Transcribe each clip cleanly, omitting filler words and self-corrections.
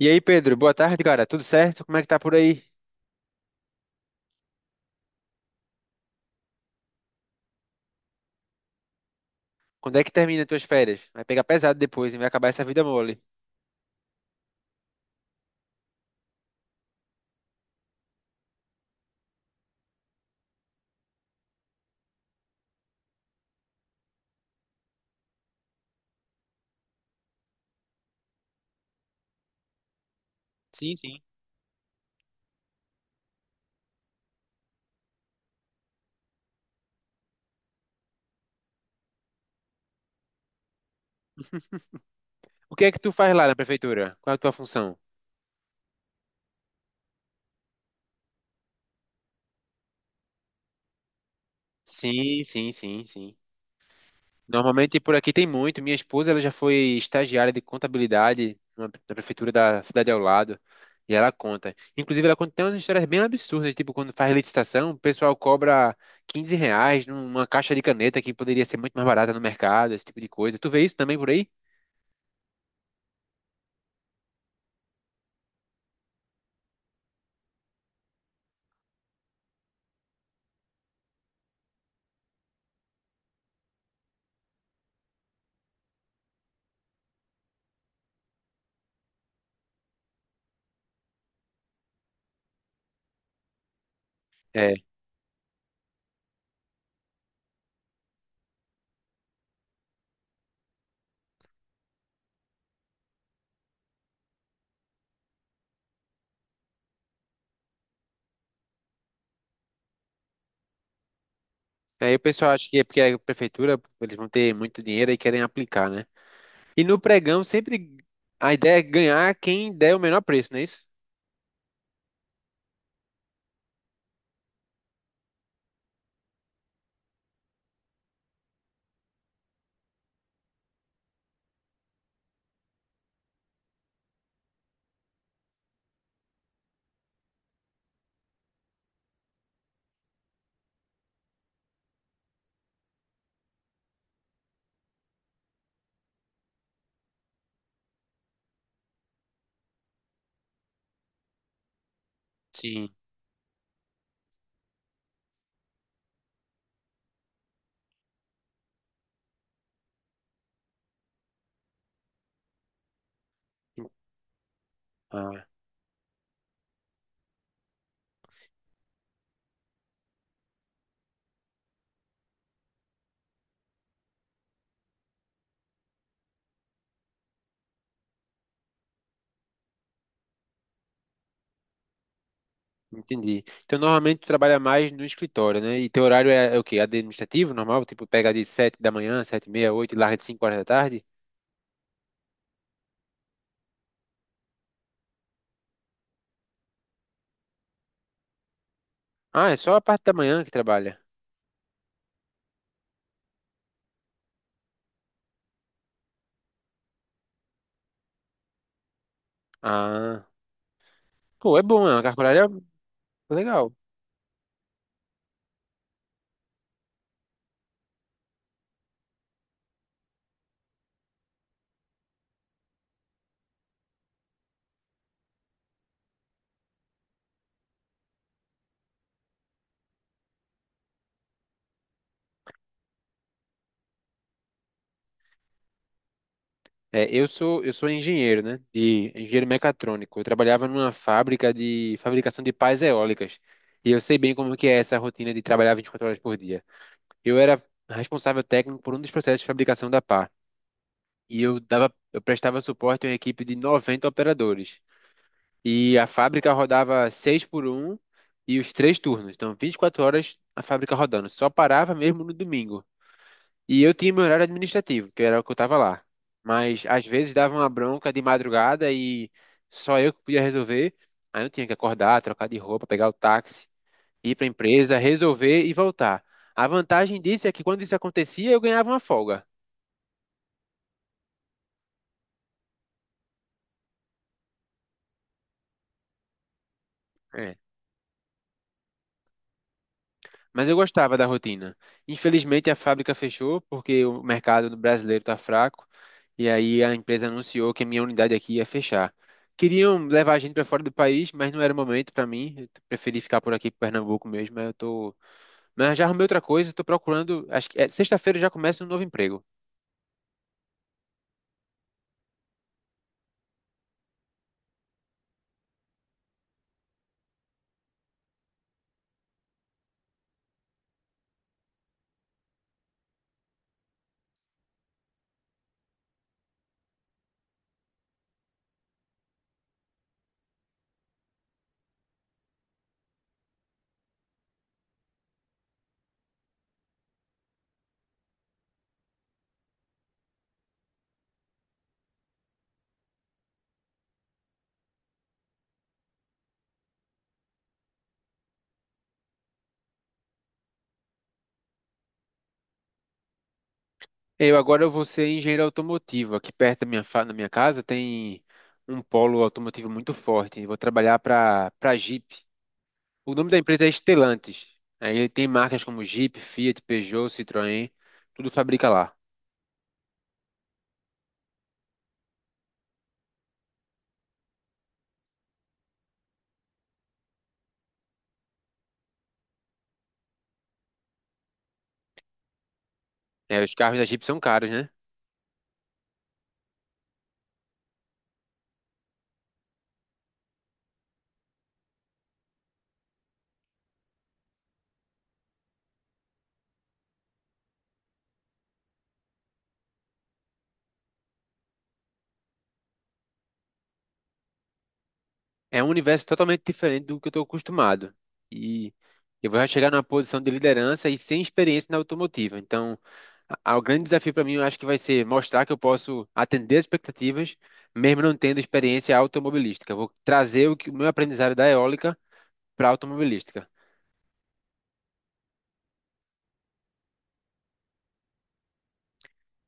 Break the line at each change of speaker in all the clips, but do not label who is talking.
E aí, Pedro, boa tarde, cara. Tudo certo? Como é que tá por aí? Quando é que termina as tuas férias? Vai pegar pesado depois, e vai acabar essa vida mole. Sim, sim. O que é que tu faz lá na prefeitura? Qual é a tua função? Sim, sim, sim, sim. Normalmente por aqui tem muito. Minha esposa, ela já foi estagiária de contabilidade na prefeitura da cidade ao lado. E ela conta. Inclusive, ela conta tem umas histórias bem absurdas, tipo quando faz licitação, o pessoal cobra R$ 15 numa caixa de caneta que poderia ser muito mais barata no mercado, esse tipo de coisa. Tu vê isso também por aí? Aí o pessoal acha que é porque a prefeitura, eles vão ter muito dinheiro e querem aplicar, né? E no pregão, sempre a ideia é ganhar quem der o menor preço, não é isso? Sim. Ah, entendi. Então, normalmente tu trabalha mais no escritório, né? E teu horário é o quê? Administrativo, normal? Tipo, pega de 7 da manhã, 7:30, 8, e larga de 5 horas da tarde? Ah, é só a parte da manhã que trabalha. Ah, pô, é bom, né? A carga horária é legal. É, eu sou engenheiro, né? De engenheiro mecatrônico. Eu trabalhava numa fábrica de fabricação de pás eólicas. E eu sei bem como que é essa rotina de trabalhar 24 horas por dia. Eu era responsável técnico por um dos processos de fabricação da pá. E eu prestava suporte a uma equipe de 90 operadores. E a fábrica rodava 6 por um e os três turnos. Então, 24 horas a fábrica rodando. Só parava mesmo no domingo. E eu tinha meu horário administrativo, que era o que eu tava lá. Mas às vezes dava uma bronca de madrugada e só eu que podia resolver. Aí eu tinha que acordar, trocar de roupa, pegar o táxi, ir para a empresa, resolver e voltar. A vantagem disso é que quando isso acontecia, eu ganhava uma folga. É. Mas eu gostava da rotina. Infelizmente, a fábrica fechou porque o mercado brasileiro está fraco. E aí a empresa anunciou que a minha unidade aqui ia fechar. Queriam levar a gente para fora do país, mas não era o momento para mim. Eu preferi ficar por aqui, por Pernambuco mesmo. Mas já arrumei outra coisa. Estou procurando. Acho que sexta-feira eu já começa um novo emprego. Eu agora eu vou ser engenheiro automotivo. Aqui perto da minha casa tem um polo automotivo muito forte. Eu vou trabalhar para Jeep. O nome da empresa é Stellantis. Aí ele tem marcas como Jeep, Fiat, Peugeot, Citroën, tudo fabrica lá. É, os carros da Jeep são caros, né? É um universo totalmente diferente do que eu estou acostumado. E eu vou chegar numa posição de liderança e sem experiência na automotiva. Então, o grande desafio para mim, eu acho que vai ser mostrar que eu posso atender as expectativas, mesmo não tendo experiência automobilística. Eu vou trazer o que o meu aprendizado da eólica para a automobilística.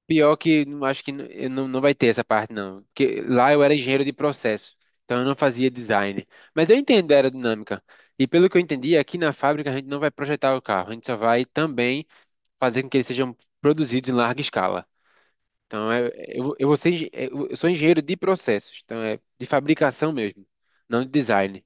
Pior que acho que n- eu não, não vai ter essa parte, não. Porque lá eu era engenheiro de processo, então eu não fazia design. Mas eu entendo a aerodinâmica. E pelo que eu entendi, aqui na fábrica a gente não vai projetar o carro, a gente só vai também fazer com que eles sejam produzidos em larga escala. Eu sou engenheiro de processos, então é de fabricação mesmo, não de design.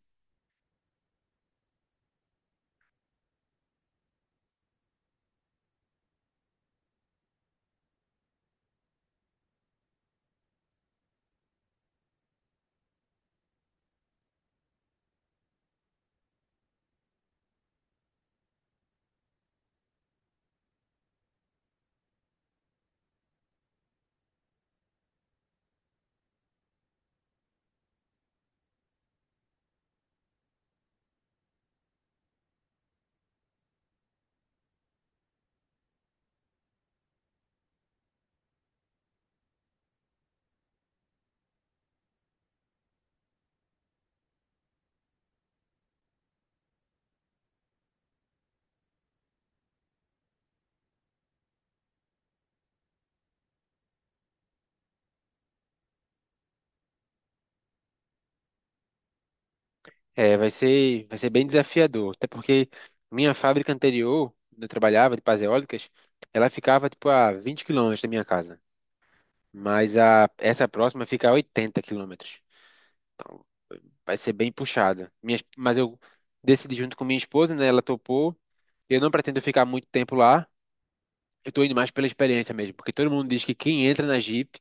É, vai ser bem desafiador, até porque minha fábrica anterior, onde eu trabalhava, de pás eólicas, ela ficava tipo a 20 quilômetros da minha casa. Essa próxima fica a 80 quilômetros. Vai ser bem puxada. Mas eu decidi junto com minha esposa, né? Ela topou. Eu não pretendo ficar muito tempo lá. Eu tô indo mais pela experiência mesmo, porque todo mundo diz que quem entra na Jeep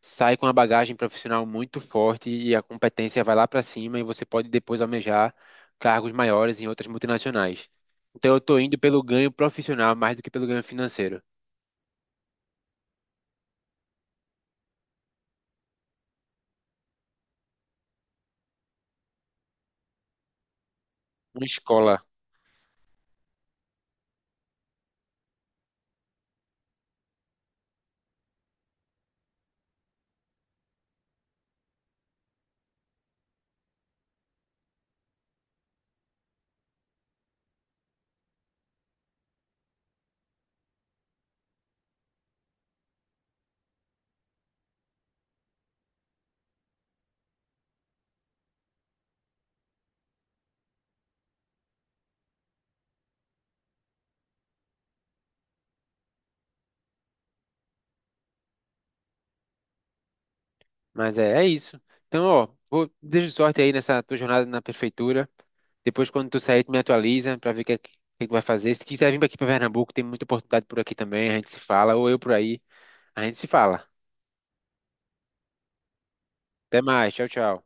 sai com uma bagagem profissional muito forte e a competência vai lá para cima e você pode depois almejar cargos maiores em outras multinacionais. Então eu tô indo pelo ganho profissional mais do que pelo ganho financeiro. Uma escola. Mas é isso. Então, ó, desejo sorte aí nessa tua jornada na prefeitura. Depois, quando tu sair, tu me atualiza pra ver o que, que é que vai fazer. Se quiser vir aqui pra Pernambuco, tem muita oportunidade por aqui também. A gente se fala, ou eu por aí, a gente se fala. Até mais, tchau, tchau.